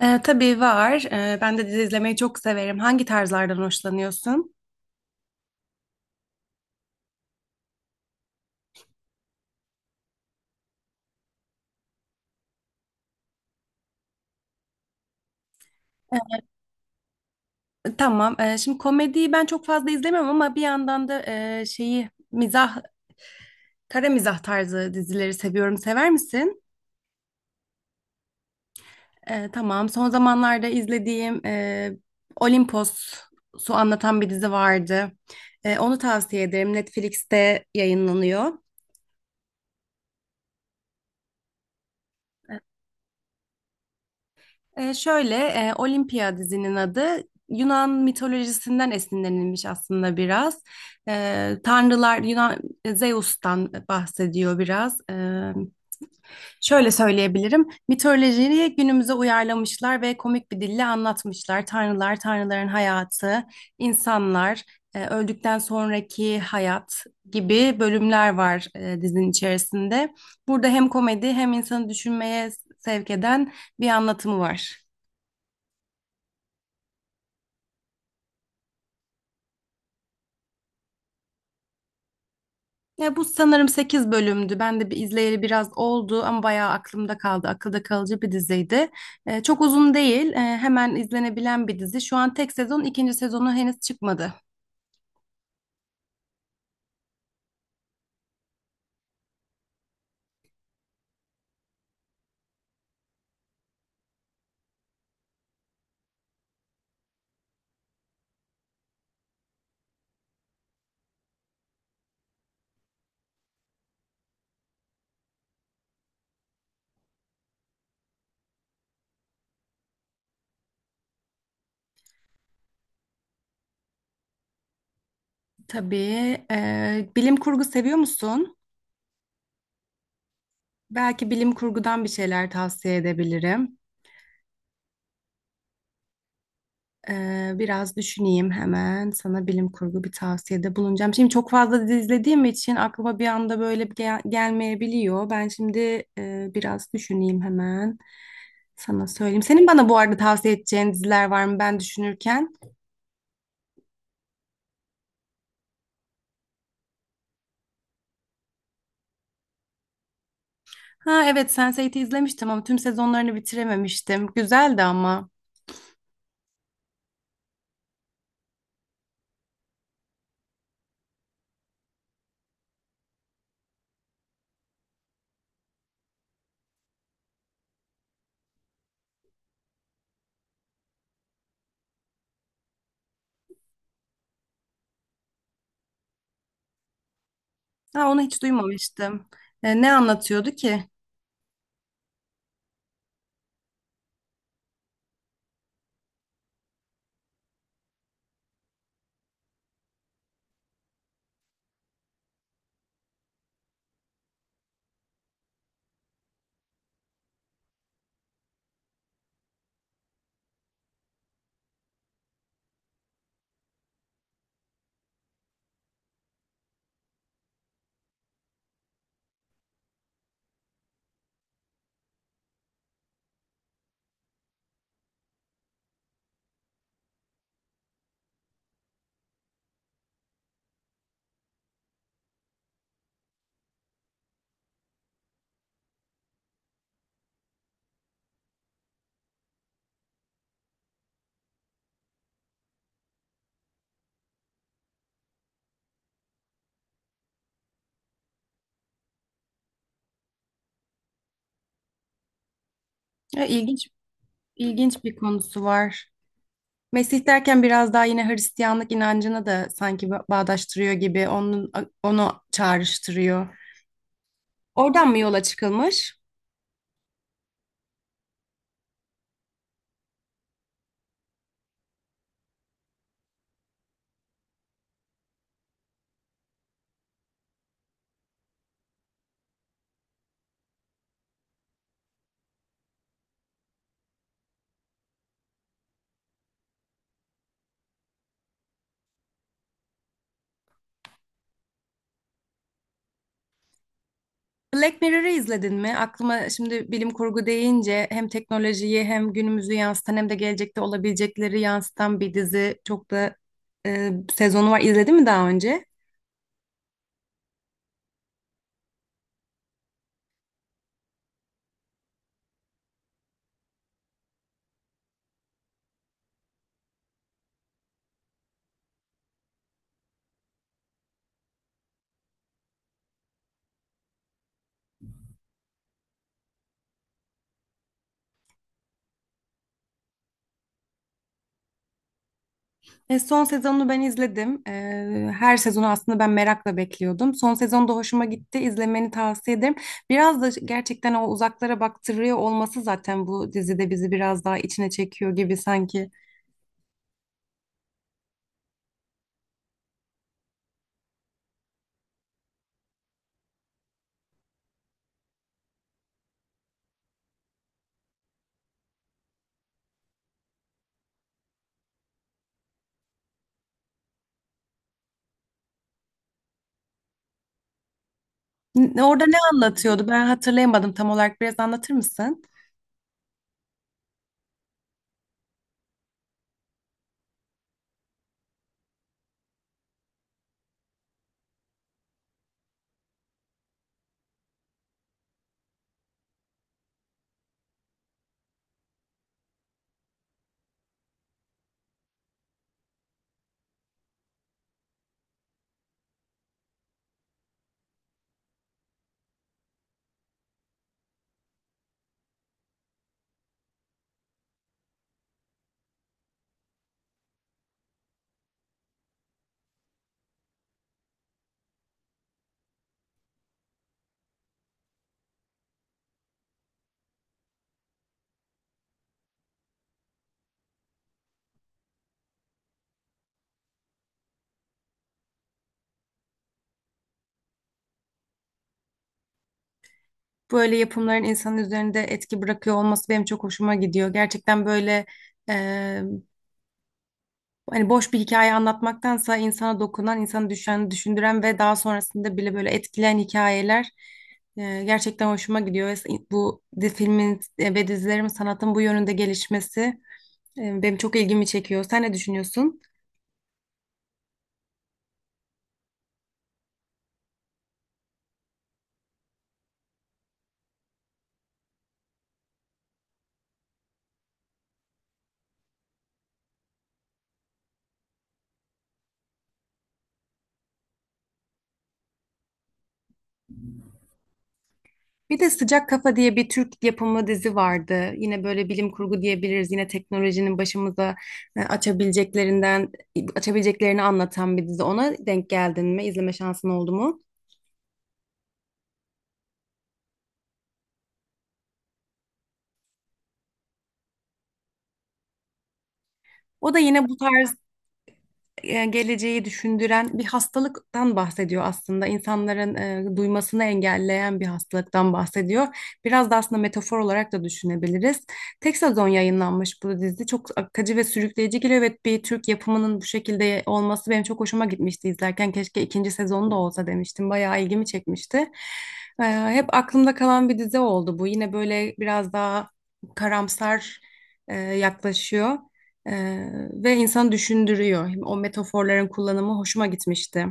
Tabii var. Ben de dizi izlemeyi çok severim. Hangi tarzlardan hoşlanıyorsun? Tamam. Şimdi komediyi ben çok fazla izlemiyorum ama bir yandan da şeyi mizah, kara mizah tarzı dizileri seviyorum. Sever misin? Tamam. Son zamanlarda izlediğim Olimpos'u anlatan bir dizi vardı. Onu tavsiye ederim. Netflix'te yayınlanıyor. Şöyle, Olimpia dizinin adı Yunan mitolojisinden esinlenilmiş aslında biraz. Tanrılar Yunan Zeus'tan bahsediyor biraz. Şöyle söyleyebilirim, mitolojiyi günümüze uyarlamışlar ve komik bir dille anlatmışlar. Tanrılar, tanrıların hayatı, insanlar, öldükten sonraki hayat gibi bölümler var dizinin içerisinde. Burada hem komedi hem insanı düşünmeye sevk eden bir anlatımı var. Ya bu sanırım 8 bölümdü. Ben de bir izleyeli biraz oldu ama bayağı aklımda kaldı. Akılda kalıcı bir diziydi. Çok uzun değil. Hemen izlenebilen bir dizi. Şu an tek sezon, ikinci sezonu henüz çıkmadı. Tabii. Bilim kurgu seviyor musun? Belki bilim kurgudan bir şeyler tavsiye edebilirim. Biraz düşüneyim hemen. Sana bilim kurgu bir tavsiyede bulunacağım. Şimdi çok fazla dizi izlediğim için aklıma bir anda böyle bir gelmeyebiliyor. Ben şimdi biraz düşüneyim hemen. Sana söyleyeyim. Senin bana bu arada tavsiye edeceğin diziler var mı ben düşünürken? Ha evet, Sense8'i izlemiştim ama tüm sezonlarını bitirememiştim. Güzeldi ama. Ha onu hiç duymamıştım. Ne anlatıyordu ki? E, ilginç ilginç bir konusu var. Mesih derken biraz daha yine Hristiyanlık inancını da sanki bağdaştırıyor gibi, onu çağrıştırıyor. Oradan mı yola çıkılmış? Black Mirror'ı izledin mi? Aklıma şimdi bilim kurgu deyince hem teknolojiyi hem günümüzü yansıtan hem de gelecekte olabilecekleri yansıtan bir dizi çok da sezonu var. İzledin mi daha önce? Son sezonunu ben izledim. Her sezonu aslında ben merakla bekliyordum. Son sezon da hoşuma gitti. İzlemeni tavsiye ederim. Biraz da gerçekten o uzaklara baktırıyor olması zaten bu dizide bizi biraz daha içine çekiyor gibi sanki. Orada ne anlatıyordu? Ben hatırlayamadım tam olarak. Biraz anlatır mısın? Böyle yapımların insanın üzerinde etki bırakıyor olması benim çok hoşuma gidiyor. Gerçekten böyle, e, hani boş bir hikaye anlatmaktansa insana dokunan, insanı düşen, düşündüren ve daha sonrasında bile böyle etkileyen hikayeler gerçekten hoşuma gidiyor. Ve bu filmin ve dizilerin sanatın bu yönünde gelişmesi benim çok ilgimi çekiyor. Sen ne düşünüyorsun? Bir de Sıcak Kafa diye bir Türk yapımı dizi vardı. Yine böyle bilim kurgu diyebiliriz. Yine teknolojinin başımıza e, açabileceklerinden, açabileceklerini anlatan bir dizi. Ona denk geldin mi? İzleme şansın oldu mu? O da yine bu tarz, geleceği düşündüren bir hastalıktan bahsediyor aslında. İnsanların duymasını engelleyen bir hastalıktan bahsediyor. Biraz da aslında metafor olarak da düşünebiliriz. Tek sezon yayınlanmış bu dizi. Çok akıcı ve sürükleyici geliyor. Evet, bir Türk yapımının bu şekilde olması benim çok hoşuma gitmişti izlerken. Keşke ikinci sezonu da olsa demiştim. Bayağı ilgimi çekmişti. E, Hep aklımda kalan bir dizi oldu bu. Yine böyle biraz daha karamsar yaklaşıyor. Ve insan düşündürüyor. O metaforların kullanımı hoşuma gitmişti.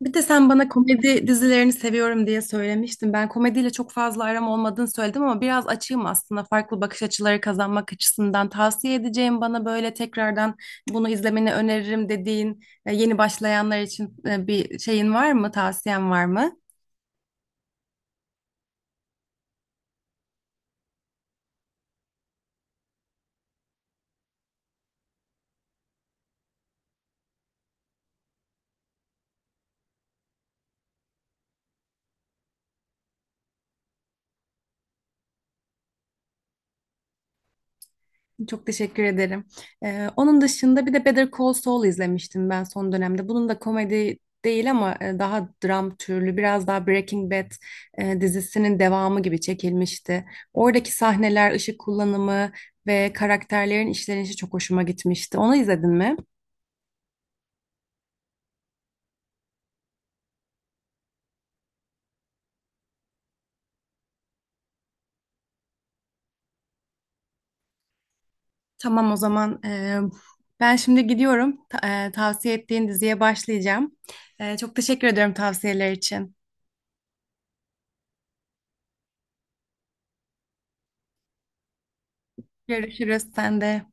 Bir de sen bana komedi dizilerini seviyorum diye söylemiştin. Ben komediyle çok fazla aram olmadığını söyledim ama biraz açığım aslında. Farklı bakış açıları kazanmak açısından tavsiye edeceğim bana böyle tekrardan bunu izlemeni öneririm dediğin yeni başlayanlar için bir şeyin var mı, tavsiyen var mı? Çok teşekkür ederim. Onun dışında bir de Better Call Saul izlemiştim ben son dönemde. Bunun da komedi değil ama daha dram türlü, biraz daha Breaking Bad dizisinin devamı gibi çekilmişti. Oradaki sahneler, ışık kullanımı ve karakterlerin işlenişi çok hoşuma gitmişti. Onu izledin mi? Tamam, o zaman ben şimdi gidiyorum. Tavsiye ettiğin diziye başlayacağım. Çok teşekkür ediyorum tavsiyeler için. Görüşürüz sen de.